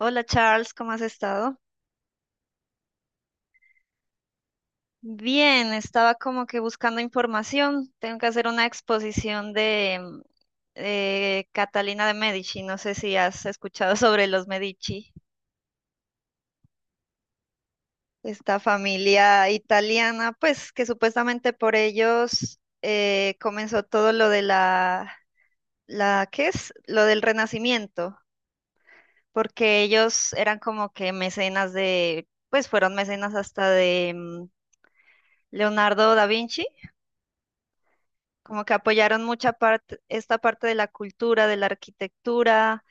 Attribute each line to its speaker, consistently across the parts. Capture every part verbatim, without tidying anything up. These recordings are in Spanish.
Speaker 1: Hola Charles, ¿cómo has estado? Bien, estaba como que buscando información. Tengo que hacer una exposición de mm, eh, Catalina de Medici. No sé si has escuchado sobre los Medici, esta familia italiana, pues que supuestamente por ellos eh, comenzó todo lo de la, la, ¿qué es? Lo del Renacimiento, porque ellos eran como que mecenas de, pues fueron mecenas hasta de mm, Leonardo da Vinci, como que apoyaron mucha parte, esta parte de la cultura, de la arquitectura.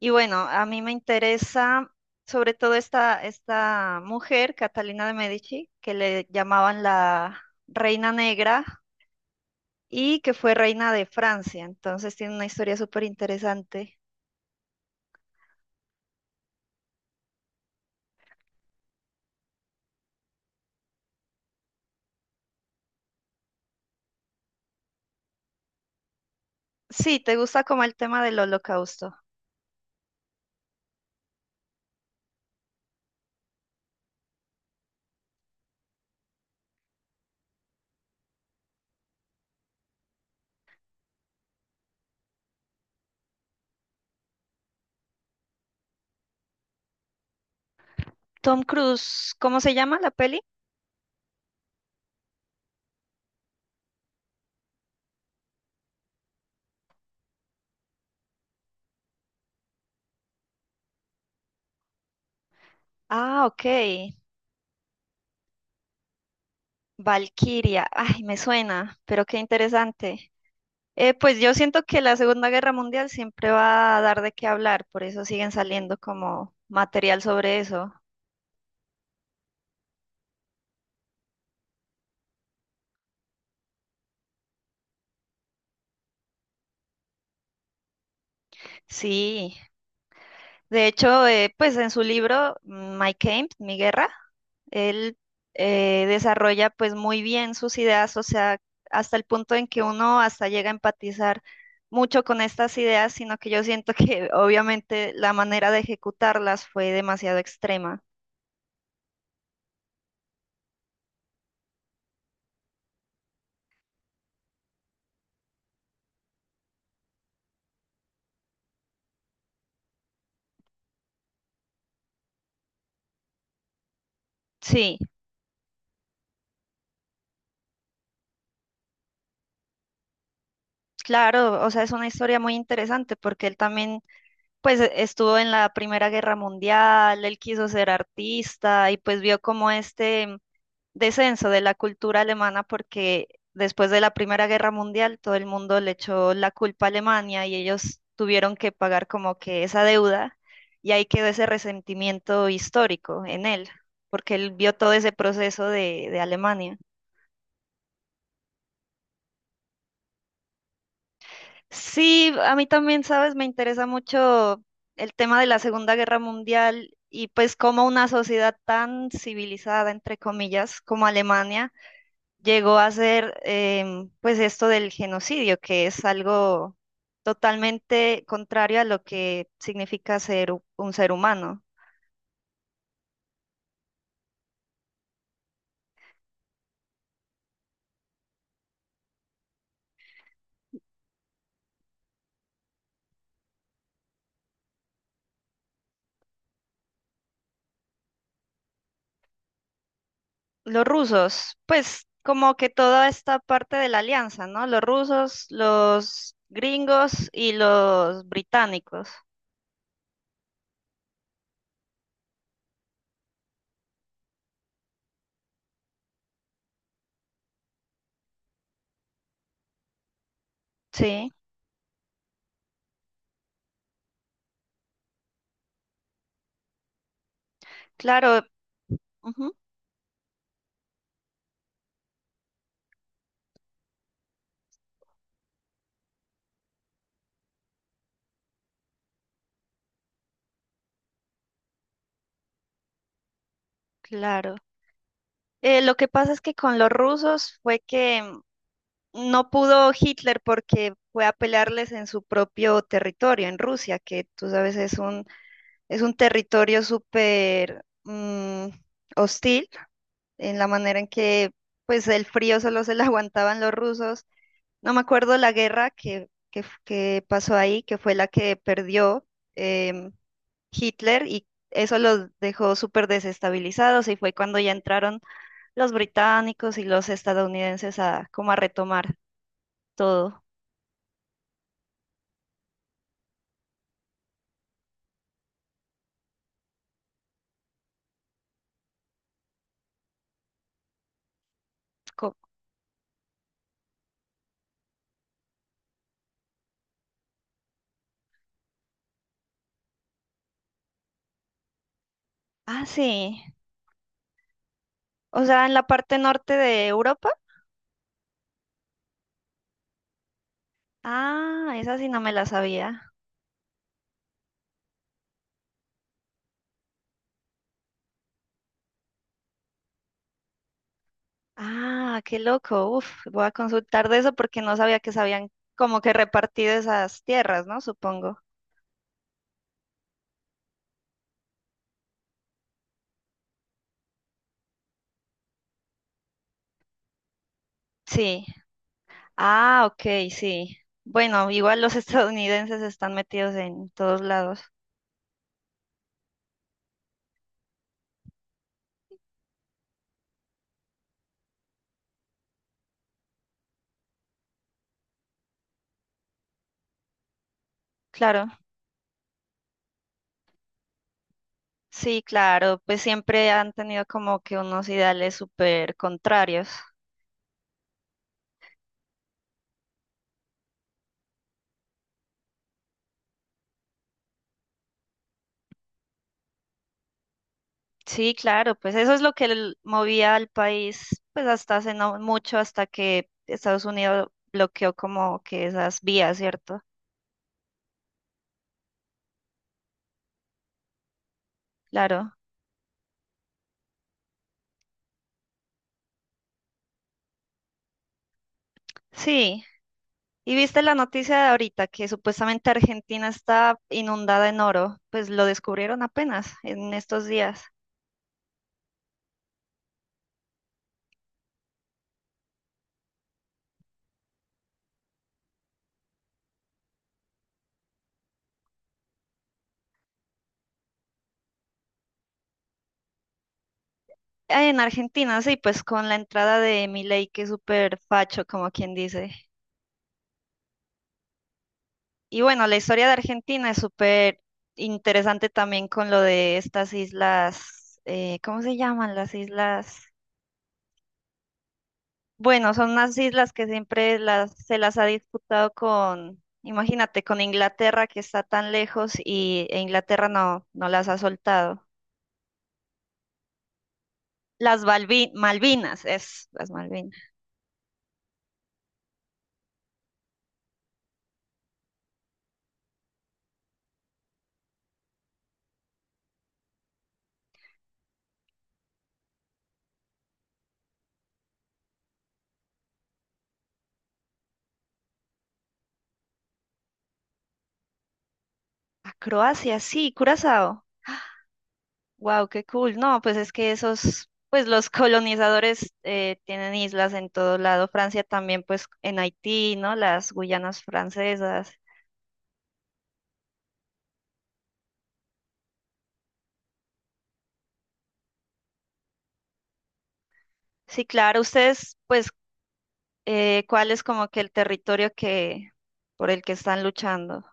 Speaker 1: Y bueno, a mí me interesa sobre todo esta, esta mujer, Catalina de Medici, que le llamaban la Reina Negra y que fue reina de Francia. Entonces tiene una historia súper interesante. Sí, ¿te gusta como el tema del holocausto? Tom Cruise, ¿cómo se llama la peli? Ah, ok. Valkyria. Ay, me suena, pero qué interesante. Eh, pues yo siento que la Segunda Guerra Mundial siempre va a dar de qué hablar, por eso siguen saliendo como material sobre eso. Sí, de hecho, eh, pues en su libro mm, My Camp, Mi Guerra, él eh, desarrolla pues muy bien sus ideas, o sea, hasta el punto en que uno hasta llega a empatizar mucho con estas ideas, sino que yo siento que obviamente la manera de ejecutarlas fue demasiado extrema. Sí, claro, o sea, es una historia muy interesante porque él también pues e- estuvo en la Primera Guerra Mundial, él quiso ser artista y pues vio como este mm, descenso de la cultura alemana, porque después de la Primera Guerra Mundial todo el mundo le echó la culpa a Alemania y ellos tuvieron que pagar como que esa deuda, y ahí quedó ese resentimiento histórico en él, porque él vio todo ese proceso de, de Alemania. Sí, a mí también, sabes, me interesa mucho el tema de la Segunda Guerra Mundial y pues cómo una sociedad tan civilizada, entre comillas, como Alemania, llegó a hacer em, pues esto del genocidio, que es algo totalmente contrario a lo que significa ser u- un ser humano. Los rusos, pues como que toda esta parte de la alianza, ¿no? Los rusos, los gringos y los británicos, sí. Claro. Ujú, claro. Eh, lo que pasa es que con los rusos fue que mm, no pudo Hitler porque fue a pelearles en su propio territorio, en Rusia, que tú sabes es un, es un territorio súper mm, hostil, en la manera en que pues el frío solo se lo aguantaban los rusos. No me acuerdo la guerra que, que, f- que pasó ahí, que fue la que perdió em, Hitler, y eso los dejó súper desestabilizados, y fue cuando ya entraron los británicos y los estadounidenses a como a retomar todo. Co- ah, sí. O sea, en la parte norte de Europa. Ah, esa sí no me la sabía. Ah, qué loco. Uf, voy a consultar de eso porque no sabía que se habían como que repartido esas tierras, ¿no? Supongo. Sí. Ah, ok, sí. Bueno, igual los estadounidenses están metidos en todos lados. Claro, sí, claro, pues siempre han tenido como que unos ideales súper contrarios. Sí, claro, pues eso es lo que el- movía al país, pues hasta hace no mucho, hasta que Estados Unidos bloqueó como que esas vías, ¿cierto? Claro. Sí. Y viste la noticia de ahorita que supuestamente Argentina está inundada en oro, pues lo descubrieron apenas en estos días. Ah, en Argentina, sí, pues con la entrada de Milei, que es súper facho, como quien dice. Y bueno, la historia de Argentina es súper interesante también con lo de estas islas, eh, ¿cómo se llaman las islas? Bueno, son unas islas que siempre las, se las ha disputado con, imagínate, con Inglaterra que está tan lejos, y e Inglaterra no, no las ha soltado. Las Balvi- Malvinas, es, las Malvinas. A Croacia, sí, Curazao. Wow, qué cool. No, pues es que esos, pues los colonizadores eh, tienen islas en todo lado. Francia también, pues en Haití, ¿no? Las Guyanas francesas. Sí, claro. Ustedes, pues, eh, ¿cuál es como que el territorio que por el que están luchando?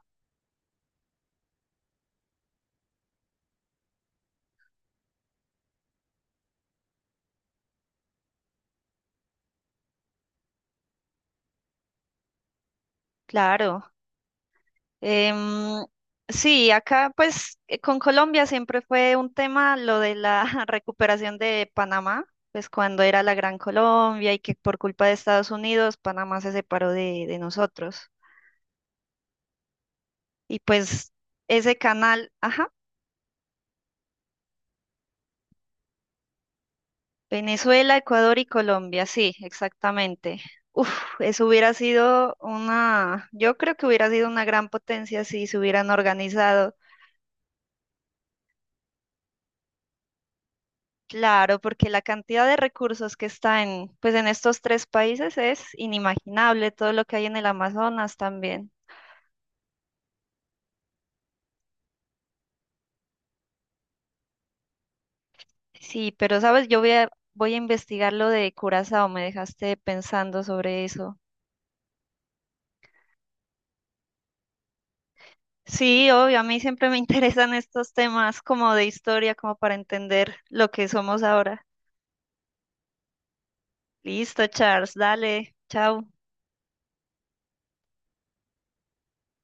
Speaker 1: Claro. Em, sí, acá pues eh, con Colombia siempre fue un tema lo de la recuperación de Panamá, pues cuando era la Gran Colombia y que por culpa de Estados Unidos Panamá se separó de, de nosotros. Y pues ese canal, ajá, Venezuela, Ecuador y Colombia, sí, exactamente. Uf, eso hubiera sido una, yo creo que hubiera sido una gran potencia si se hubieran organizado. Claro, porque la cantidad de recursos que está en, pues en estos tres países es inimaginable, todo lo que hay en el Amazonas también. Sí, pero sabes, yo voy a, voy a investigar lo de Curazao, me dejaste pensando sobre eso. Sí, obvio, a mí siempre me interesan estos temas como de historia, como para entender lo que somos ahora. Listo, Charles, dale, chao.